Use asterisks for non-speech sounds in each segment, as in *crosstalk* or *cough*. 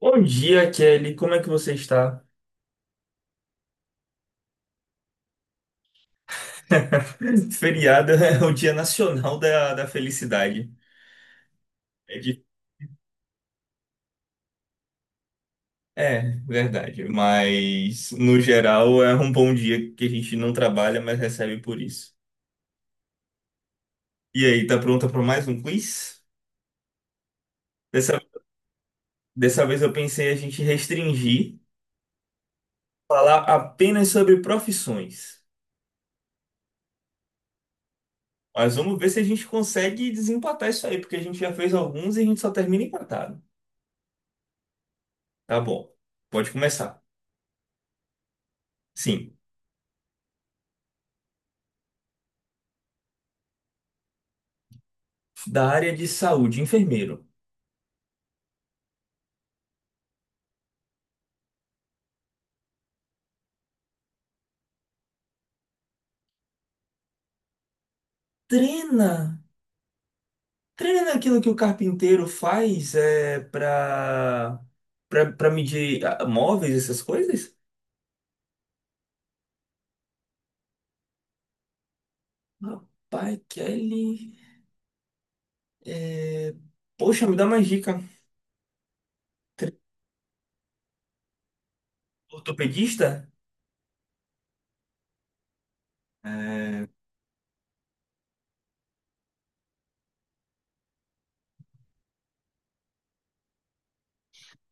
Bom dia, Kelly. Como é que você está? *laughs* Feriado é o Dia Nacional da Felicidade. É, é, verdade. Mas, no geral, é um bom dia que a gente não trabalha, mas recebe por isso. E aí, tá pronta para mais um quiz? Dessa, dessa vez eu pensei a gente restringir, falar apenas sobre profissões. Mas vamos ver se a gente consegue desempatar isso aí, porque a gente já fez alguns e a gente só termina empatado. Tá bom. Pode começar. Sim. Da área de saúde, enfermeiro, treina, treina naquilo que o carpinteiro faz é, para medir móveis, essas coisas? Rapaz, Kelly, é, poxa, me dá mais dica. Tre- Ortopedista? É,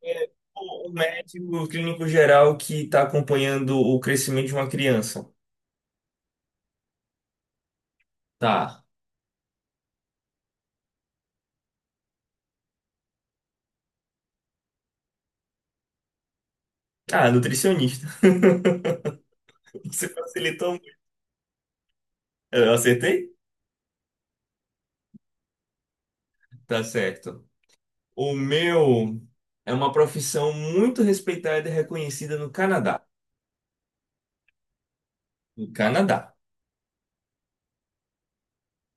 é, o médico clínico geral que está acompanhando o crescimento de uma criança. Tá. Ah, nutricionista. *laughs* Você facilitou muito. Eu acertei? Tá certo. O meu é uma profissão muito respeitada e reconhecida no Canadá. No Canadá.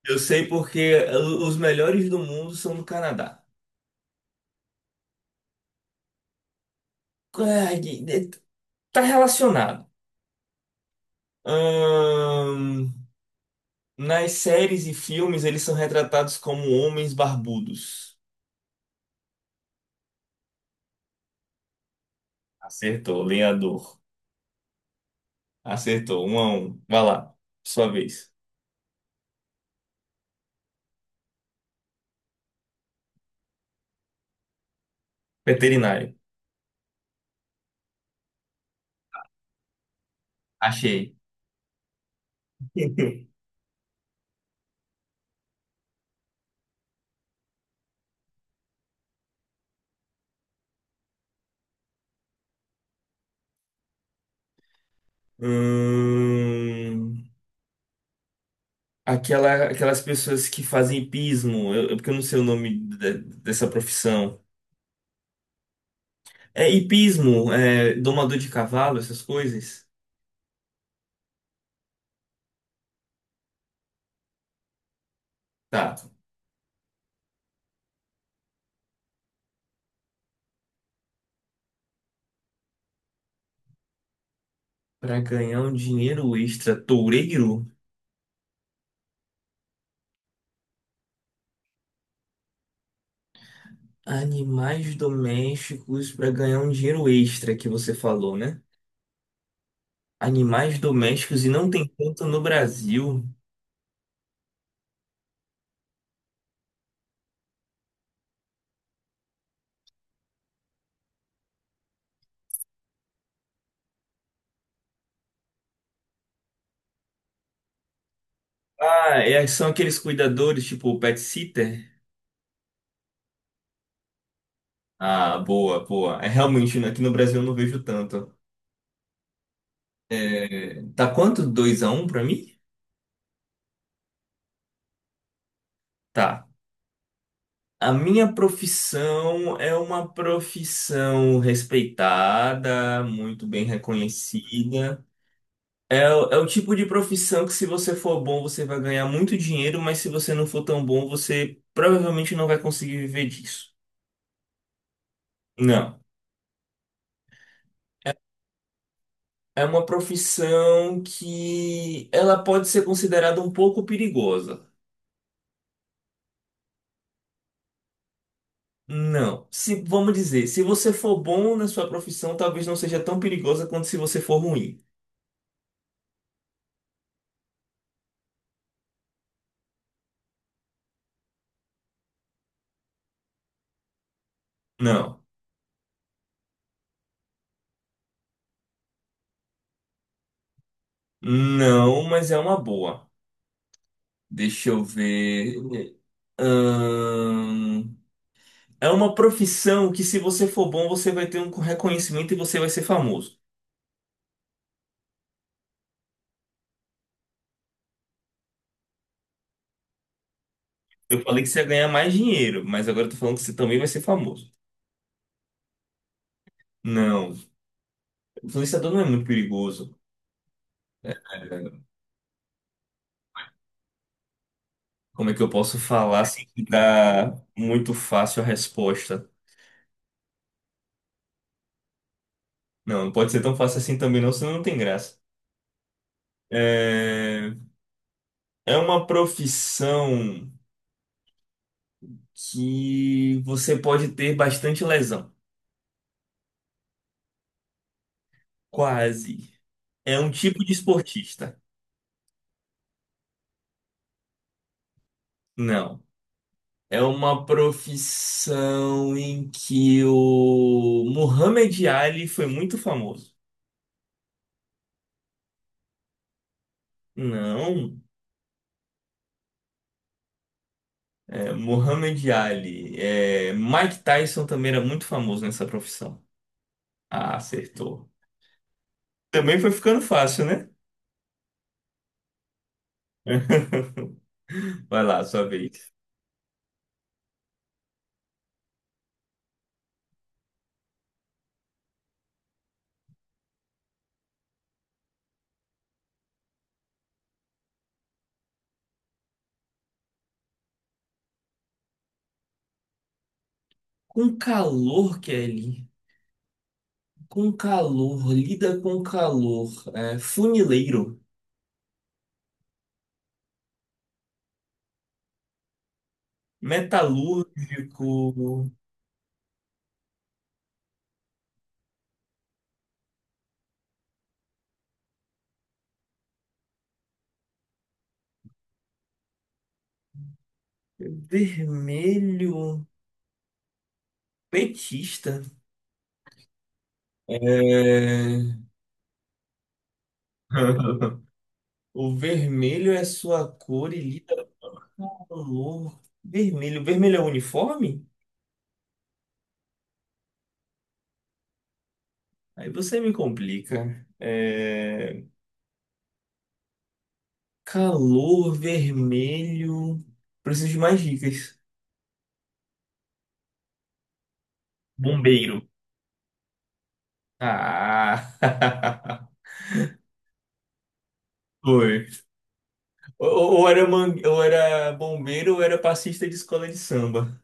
Eu sei porque os melhores do mundo são do Canadá. Ah, tá relacionado. Ahn, Nas séries e filmes, eles são retratados como homens barbudos. Acertou, lenhador. Acertou, 1-1. Vai lá, sua vez. Veterinário. Achei. *laughs* Hum, aquelas pessoas que fazem hipismo, porque eu não sei o nome dessa profissão. É hipismo, é domador de cavalo, essas coisas. Tá. Pra ganhar um dinheiro extra, toureiro? Animais domésticos para ganhar um dinheiro extra que você falou, né? Animais domésticos e não tem tanto no Brasil. Ah, é, são aqueles cuidadores, tipo o pet sitter? Ah, boa, boa. É realmente, né, aqui no Brasil eu não vejo tanto. É, tá quanto? 2-1 pra mim? Tá. A minha profissão é uma profissão respeitada, muito bem reconhecida. É o tipo de profissão que, se você for bom, você vai ganhar muito dinheiro, mas se você não for tão bom, você provavelmente não vai conseguir viver disso. Não. É uma profissão que ela pode ser considerada um pouco perigosa. Não. Se, vamos dizer, se você for bom na sua profissão, talvez não seja tão perigosa quanto se você for ruim. Não. Não, mas é uma boa. Deixa eu ver. Ahn, É uma profissão que, se você for bom, você vai ter um reconhecimento e você vai ser famoso. Eu falei que você ia ganhar mais dinheiro, mas agora eu tô falando que você também vai ser famoso. Não, influenciador não é muito perigoso. É, Como é que eu posso falar sem que dá muito fácil a resposta? Não, não pode ser tão fácil assim também, não, senão não tem graça. É, É uma profissão que você pode ter bastante lesão. Quase. É um tipo de esportista. Não. É uma profissão em que o Muhammad Ali foi muito famoso. Não, Muhammad Ali. É, Mike Tyson também era muito famoso nessa profissão. Ah, acertou. Também foi ficando fácil, né? *laughs* Vai lá, sua vez. Com o calor, Kelly. Com calor, lida com calor. Funileiro, metalúrgico, vermelho, petista. É, *laughs* O vermelho é sua cor e lida com calor. Vermelho, vermelho é uniforme? Aí você me complica. Calor, vermelho. Preciso de mais dicas. Bombeiro. Ah, *laughs* foi. Ou era bombeiro ou era passista de escola de samba.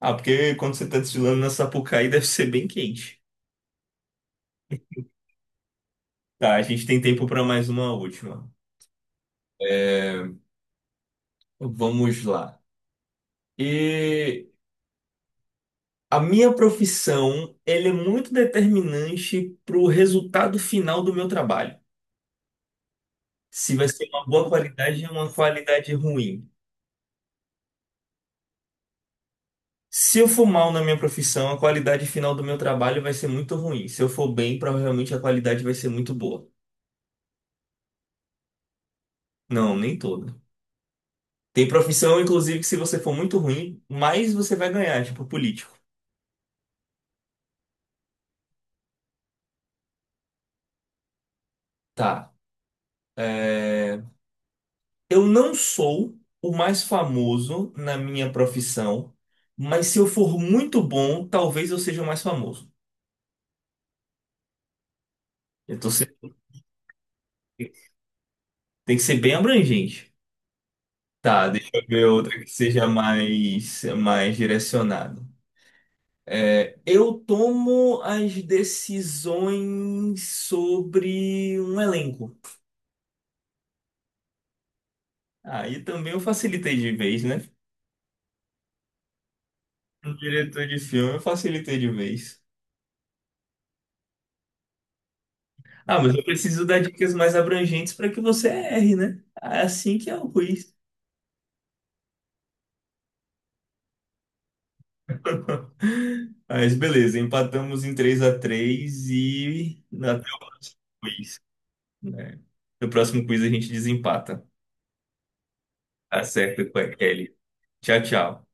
Ah, porque quando você tá desfilando na Sapucaí deve ser bem quente. Tá, a gente tem tempo para mais uma última. É, Vamos lá. E a minha profissão, ela é muito determinante para o resultado final do meu trabalho. Se vai ser uma boa qualidade ou uma qualidade ruim. Se eu for mal na minha profissão, a qualidade final do meu trabalho vai ser muito ruim. Se eu for bem, provavelmente a qualidade vai ser muito boa. Não, nem toda. Tem profissão, inclusive, que se você for muito ruim, mais você vai ganhar, tipo político. Tá. É, Eu não sou o mais famoso na minha profissão, mas se eu for muito bom, talvez eu seja o mais famoso. Eu tô sendo- Tem que ser bem abrangente. Tá, deixa eu ver outra que seja mais direcionado. Eu tomo as decisões sobre um elenco. Aí também eu facilitei de vez, né? Um diretor de filme, eu facilitei de vez. Ah, mas eu preciso dar dicas mais abrangentes para que você erre, né? Assim que é o quiz. *laughs* Mas beleza, empatamos em 3-3 e até o próximo quiz, né? No próximo quiz a gente desempata. Tá certo com a Kelly. Tchau, tchau.